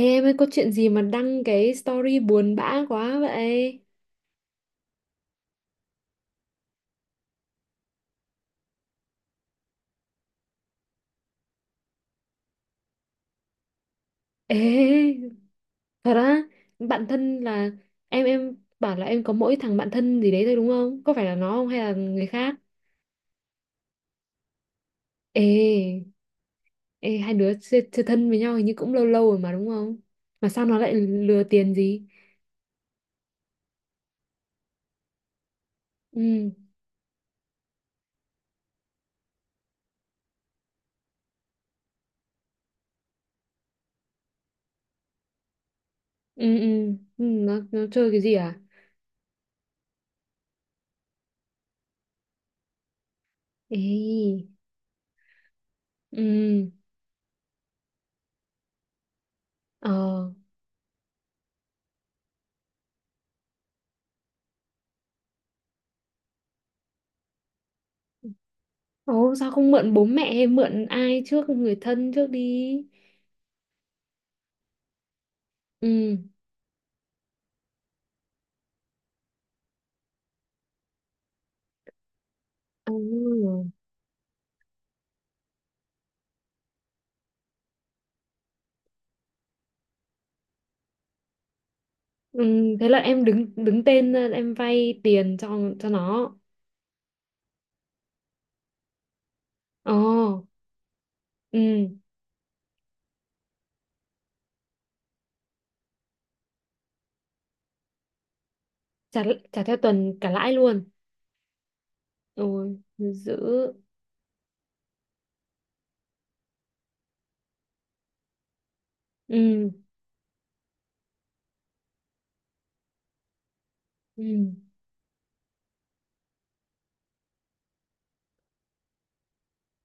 Ê em ơi có chuyện gì mà đăng cái story buồn bã quá vậy? Ê, thật á? Bạn thân là em bảo là em có mỗi thằng bạn thân gì đấy thôi đúng không? Có phải là nó không hay là người khác? Ê, ê, hai đứa chơi thân với nhau hình như cũng lâu lâu rồi mà đúng không? Mà sao nó lại lừa tiền gì? Ừ, ừ. Nó chơi cái gì à? Ê, ừ, ờ. Ồ, sao không mượn bố mẹ hay mượn ai trước, người thân trước đi? Ừ. Ừ. Ừ, thế là em đứng đứng tên lên, em vay tiền cho nó. Ồ, ừ, trả trả theo tuần cả lãi luôn. Rồi, giữ. Ừ, ừ.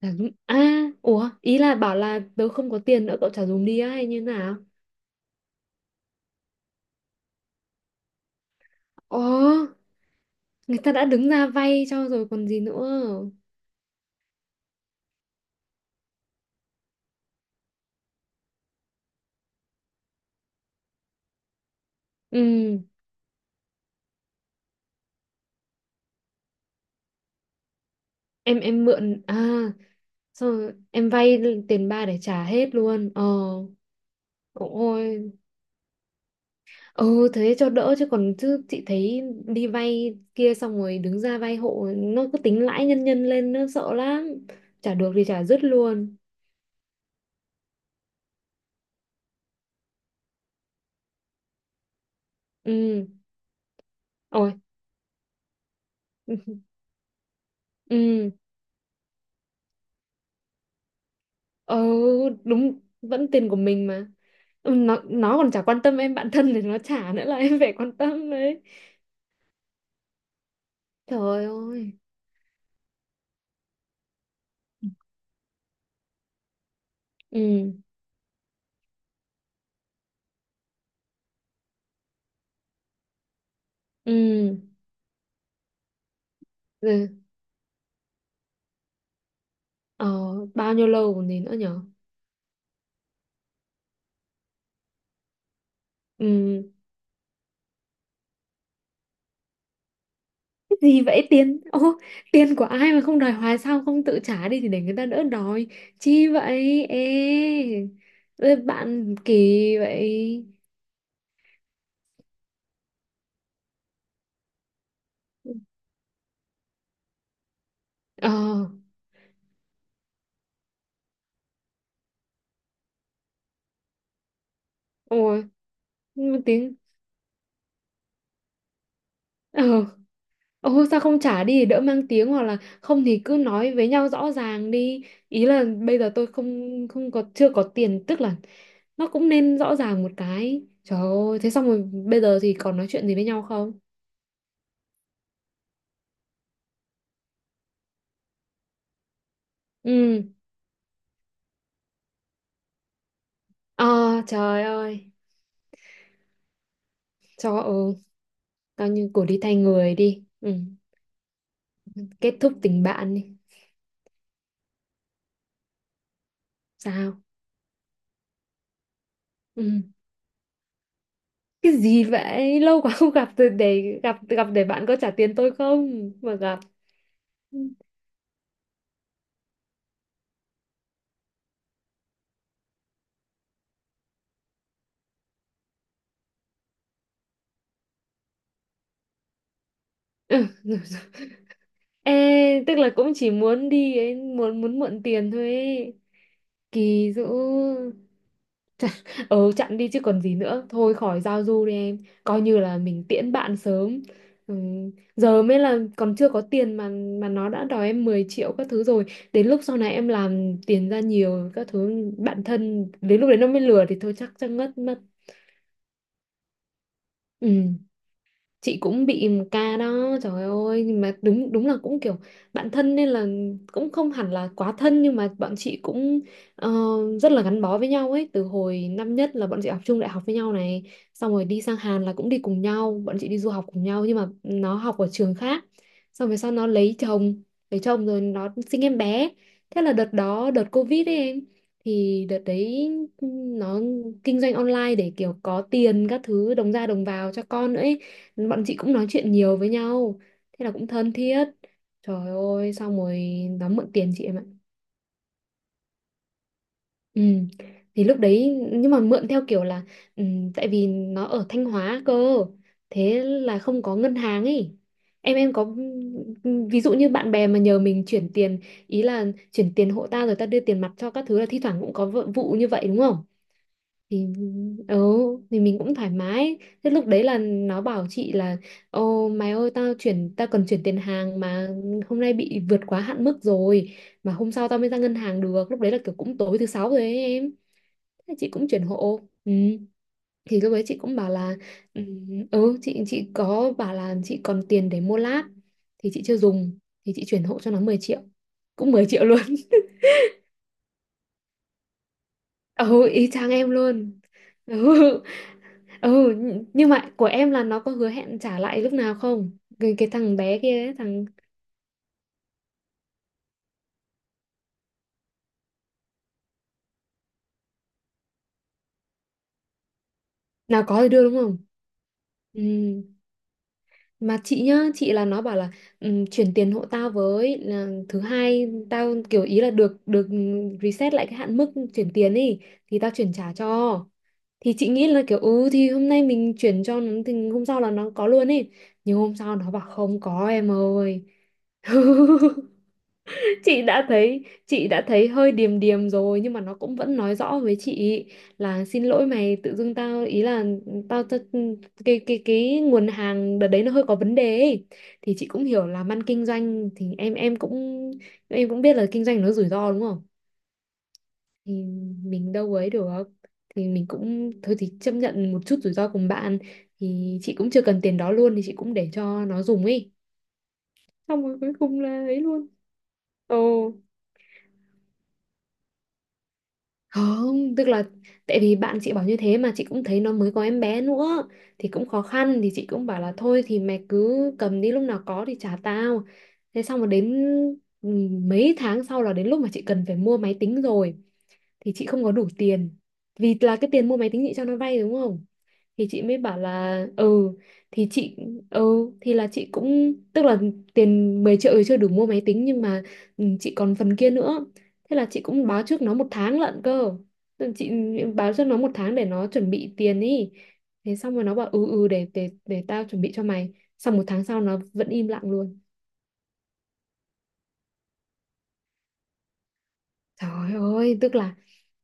Trả dùm. À, ủa, ý là bảo là tớ không có tiền nữa cậu trả dùm đi á hay như nào? Ồ, người ta đã đứng ra vay cho rồi còn gì nữa. Ừ, em mượn à, xong rồi em vay tiền ba để trả hết luôn. Ờ, ôi. Ừ, thế cho đỡ, chứ còn chứ chị thấy đi vay kia xong rồi đứng ra vay hộ nó cứ tính lãi nhân nhân lên nó sợ lắm. Trả được thì trả dứt luôn. Ừ, ôi. Ừ, ừ, đúng, vẫn tiền của mình mà. Ừ, nó còn chả quan tâm, em bạn thân thì nó trả nữa là em phải quan tâm đấy. Trời ơi, ừ. Ừ, rồi. Ờ, bao nhiêu lâu còn gì nữa nhở. Ừ, gì vậy? Tiền ô, tiền của ai mà không đòi hoài? Sao không tự trả đi thì để người ta đỡ đòi chi vậy? Ê. Ê, bạn kỳ vậy. Ờ, ôi, nhưng mà tiếng. Ờ, ô sao không trả đi để đỡ mang tiếng, hoặc là không thì cứ nói với nhau rõ ràng đi. Ý là bây giờ tôi không không có, chưa có tiền, tức là nó cũng nên rõ ràng một cái. Trời ơi, thế xong rồi bây giờ thì còn nói chuyện gì với nhau không? Ừ, ờ, trời ơi. Cho, ừ. Coi như cô đi thay người đi, ừ. Kết thúc tình bạn đi. Sao? Ừ. Cái gì vậy, lâu quá không gặp rồi để gặp, gặp để bạn có trả tiền tôi không mà gặp? Ừ. Ê, tức là cũng chỉ muốn đi ấy, muốn muốn mượn tiền thôi ấy. Kỳ dữ. Ừ, chặn đi chứ còn gì nữa, thôi khỏi giao du đi em. Coi như là mình tiễn bạn sớm. Ừ. Giờ mới là còn chưa có tiền mà nó đã đòi em 10 triệu các thứ rồi, đến lúc sau này em làm tiền ra nhiều các thứ, bạn thân đến lúc đấy nó mới lừa thì thôi chắc chắc ngất mất. Ừ, chị cũng bị một ca đó trời ơi, nhưng mà đúng, đúng là cũng kiểu bạn thân nên là cũng không hẳn là quá thân, nhưng mà bọn chị cũng ờ, rất là gắn bó với nhau ấy, từ hồi năm nhất là bọn chị học chung đại học với nhau này, xong rồi đi sang Hàn là cũng đi cùng nhau, bọn chị đi du học cùng nhau nhưng mà nó học ở trường khác, xong rồi sau nó lấy chồng, lấy chồng rồi nó sinh em bé. Thế là đợt đó đợt Covid ấy em, thì đợt đấy nó kinh doanh online để kiểu có tiền các thứ đồng ra đồng vào cho con nữa ấy. Bọn chị cũng nói chuyện nhiều với nhau, thế là cũng thân thiết. Trời ơi, xong rồi nó mượn tiền chị em ạ. Ừ. Thì lúc đấy nhưng mà mượn theo kiểu là ừ, tại vì nó ở Thanh Hóa cơ, thế là không có ngân hàng ấy. Em có ví dụ như bạn bè mà nhờ mình chuyển tiền, ý là chuyển tiền hộ ta rồi ta đưa tiền mặt cho các thứ, là thi thoảng cũng có vụ vụ như vậy đúng không? Thì ừ, thì mình cũng thoải mái. Thế lúc đấy là nó bảo chị là ô mày ơi, tao chuyển, tao cần chuyển tiền hàng mà hôm nay bị vượt quá hạn mức rồi, mà hôm sau tao mới ra ngân hàng được, lúc đấy là kiểu cũng tối thứ sáu rồi ấy em. Thế chị cũng chuyển hộ, ừ. Thì lúc đấy chị cũng bảo là ừ, ừ, chị có bảo là chị còn tiền để mua lát thì chị chưa dùng, thì chị chuyển hộ cho nó 10 triệu, cũng 10 triệu luôn. Ừ, y chang em luôn. Ừ ừ. Nhưng mà của em là nó có hứa hẹn trả lại lúc nào không, cái, cái thằng bé kia ấy, thằng nào có thì đưa đúng không? Ừ. Mà chị nhá, chị là nó bảo là ừ, chuyển tiền hộ tao với, là thứ hai tao kiểu ý là được, được reset lại cái hạn mức chuyển tiền đi thì tao chuyển trả cho. Thì chị nghĩ là kiểu ừ thì hôm nay mình chuyển cho nó thì hôm sau là nó có luôn ấy, nhưng hôm sau nó bảo không có em ơi. Chị đã thấy, chị đã thấy hơi điềm điềm rồi, nhưng mà nó cũng vẫn nói rõ với chị là xin lỗi mày, tự dưng tao ý là tao cái nguồn hàng đợt đấy nó hơi có vấn đề ấy. Thì chị cũng hiểu là ăn kinh doanh thì em cũng em cũng biết là kinh doanh nó rủi ro đúng không, thì mình đâu ấy được, thì mình cũng thôi thì chấp nhận một chút rủi ro cùng bạn, thì chị cũng chưa cần tiền đó luôn thì chị cũng để cho nó dùng ấy, xong rồi cuối cùng là ấy luôn. Ồ. Không, tức là tại vì bạn chị bảo như thế mà chị cũng thấy nó mới có em bé nữa thì cũng khó khăn, thì chị cũng bảo là thôi thì mày cứ cầm đi, lúc nào có thì trả tao. Thế xong rồi đến ừ, mấy tháng sau là đến lúc mà chị cần phải mua máy tính rồi thì chị không có đủ tiền. Vì là cái tiền mua máy tính chị cho nó vay đúng không? Thì chị mới bảo là ừ, thì chị ừ thì là chị cũng tức là tiền 10 triệu thì chưa đủ mua máy tính nhưng mà ừ, chị còn phần kia nữa, thế là chị cũng báo trước nó một tháng lận cơ. Tức là chị báo trước nó một tháng để nó chuẩn bị tiền ý, thế xong rồi nó bảo ừ ừ để tao chuẩn bị cho mày, xong một tháng sau nó vẫn im lặng luôn. Trời ơi, tức là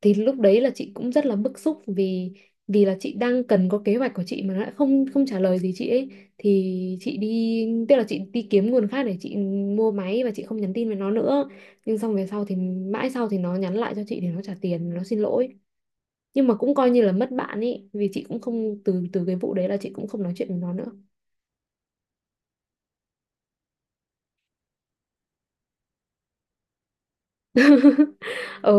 thì lúc đấy là chị cũng rất là bức xúc vì vì là chị đang cần có kế hoạch của chị mà nó lại không không trả lời gì chị ấy, thì chị đi, tức là chị đi kiếm nguồn khác để chị mua máy và chị không nhắn tin với nó nữa. Nhưng xong về sau thì mãi sau thì nó nhắn lại cho chị, thì nó trả tiền, nó xin lỗi, nhưng mà cũng coi như là mất bạn ấy, vì chị cũng không từ từ cái vụ đấy là chị cũng không nói chuyện với nó nữa. Ừ.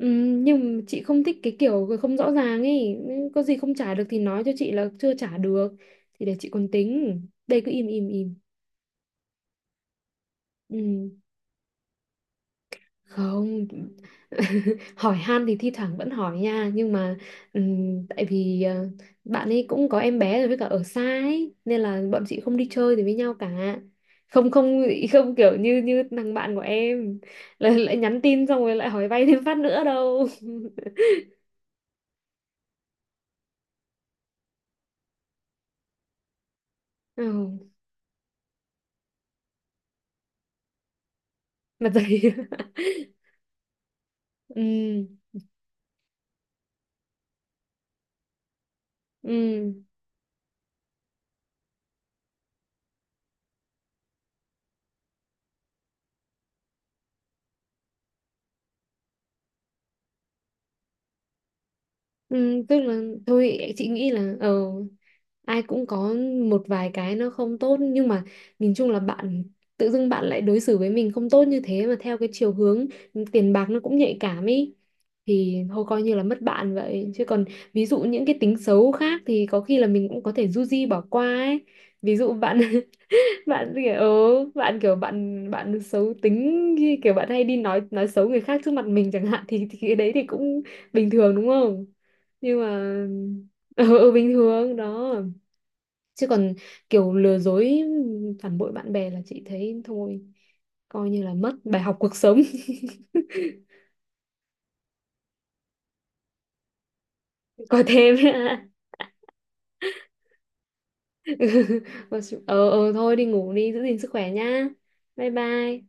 Ừ, nhưng mà chị không thích cái kiểu không rõ ràng ấy. Nên có gì không trả được thì nói cho chị là chưa trả được thì để chị còn tính, đây cứ im im im. Ừ, không. Hỏi han thì thi thoảng vẫn hỏi nha, nhưng mà ừ, tại vì bạn ấy cũng có em bé rồi với cả ở xa ấy nên là bọn chị không đi chơi thì với nhau cả, không không không kiểu như như thằng bạn của em lại nhắn tin xong rồi lại hỏi vay thêm phát nữa đâu. Ừ, mà dày. Ừ. Ừ, ừ, tức là thôi chị nghĩ là ờ, ai cũng có một vài cái nó không tốt nhưng mà nhìn chung là bạn, tự dưng bạn lại đối xử với mình không tốt như thế mà theo cái chiều hướng tiền bạc, nó cũng nhạy cảm ý, thì thôi coi như là mất bạn vậy chứ còn ví dụ những cái tính xấu khác thì có khi là mình cũng có thể du di bỏ qua ấy. Ví dụ bạn bạn kiểu ừ, bạn kiểu bạn, bạn xấu tính khi kiểu bạn hay đi nói xấu người khác trước mặt mình chẳng hạn thì cái đấy thì cũng bình thường đúng không, nhưng mà ừ, ừ, bình thường đó, chứ còn kiểu lừa dối phản bội bạn bè là chị thấy thôi, coi như là mất bài học cuộc sống. Coi thêm. Ờ, ờ thôi đi ngủ đi, giữ gìn sức khỏe nhá, bye bye.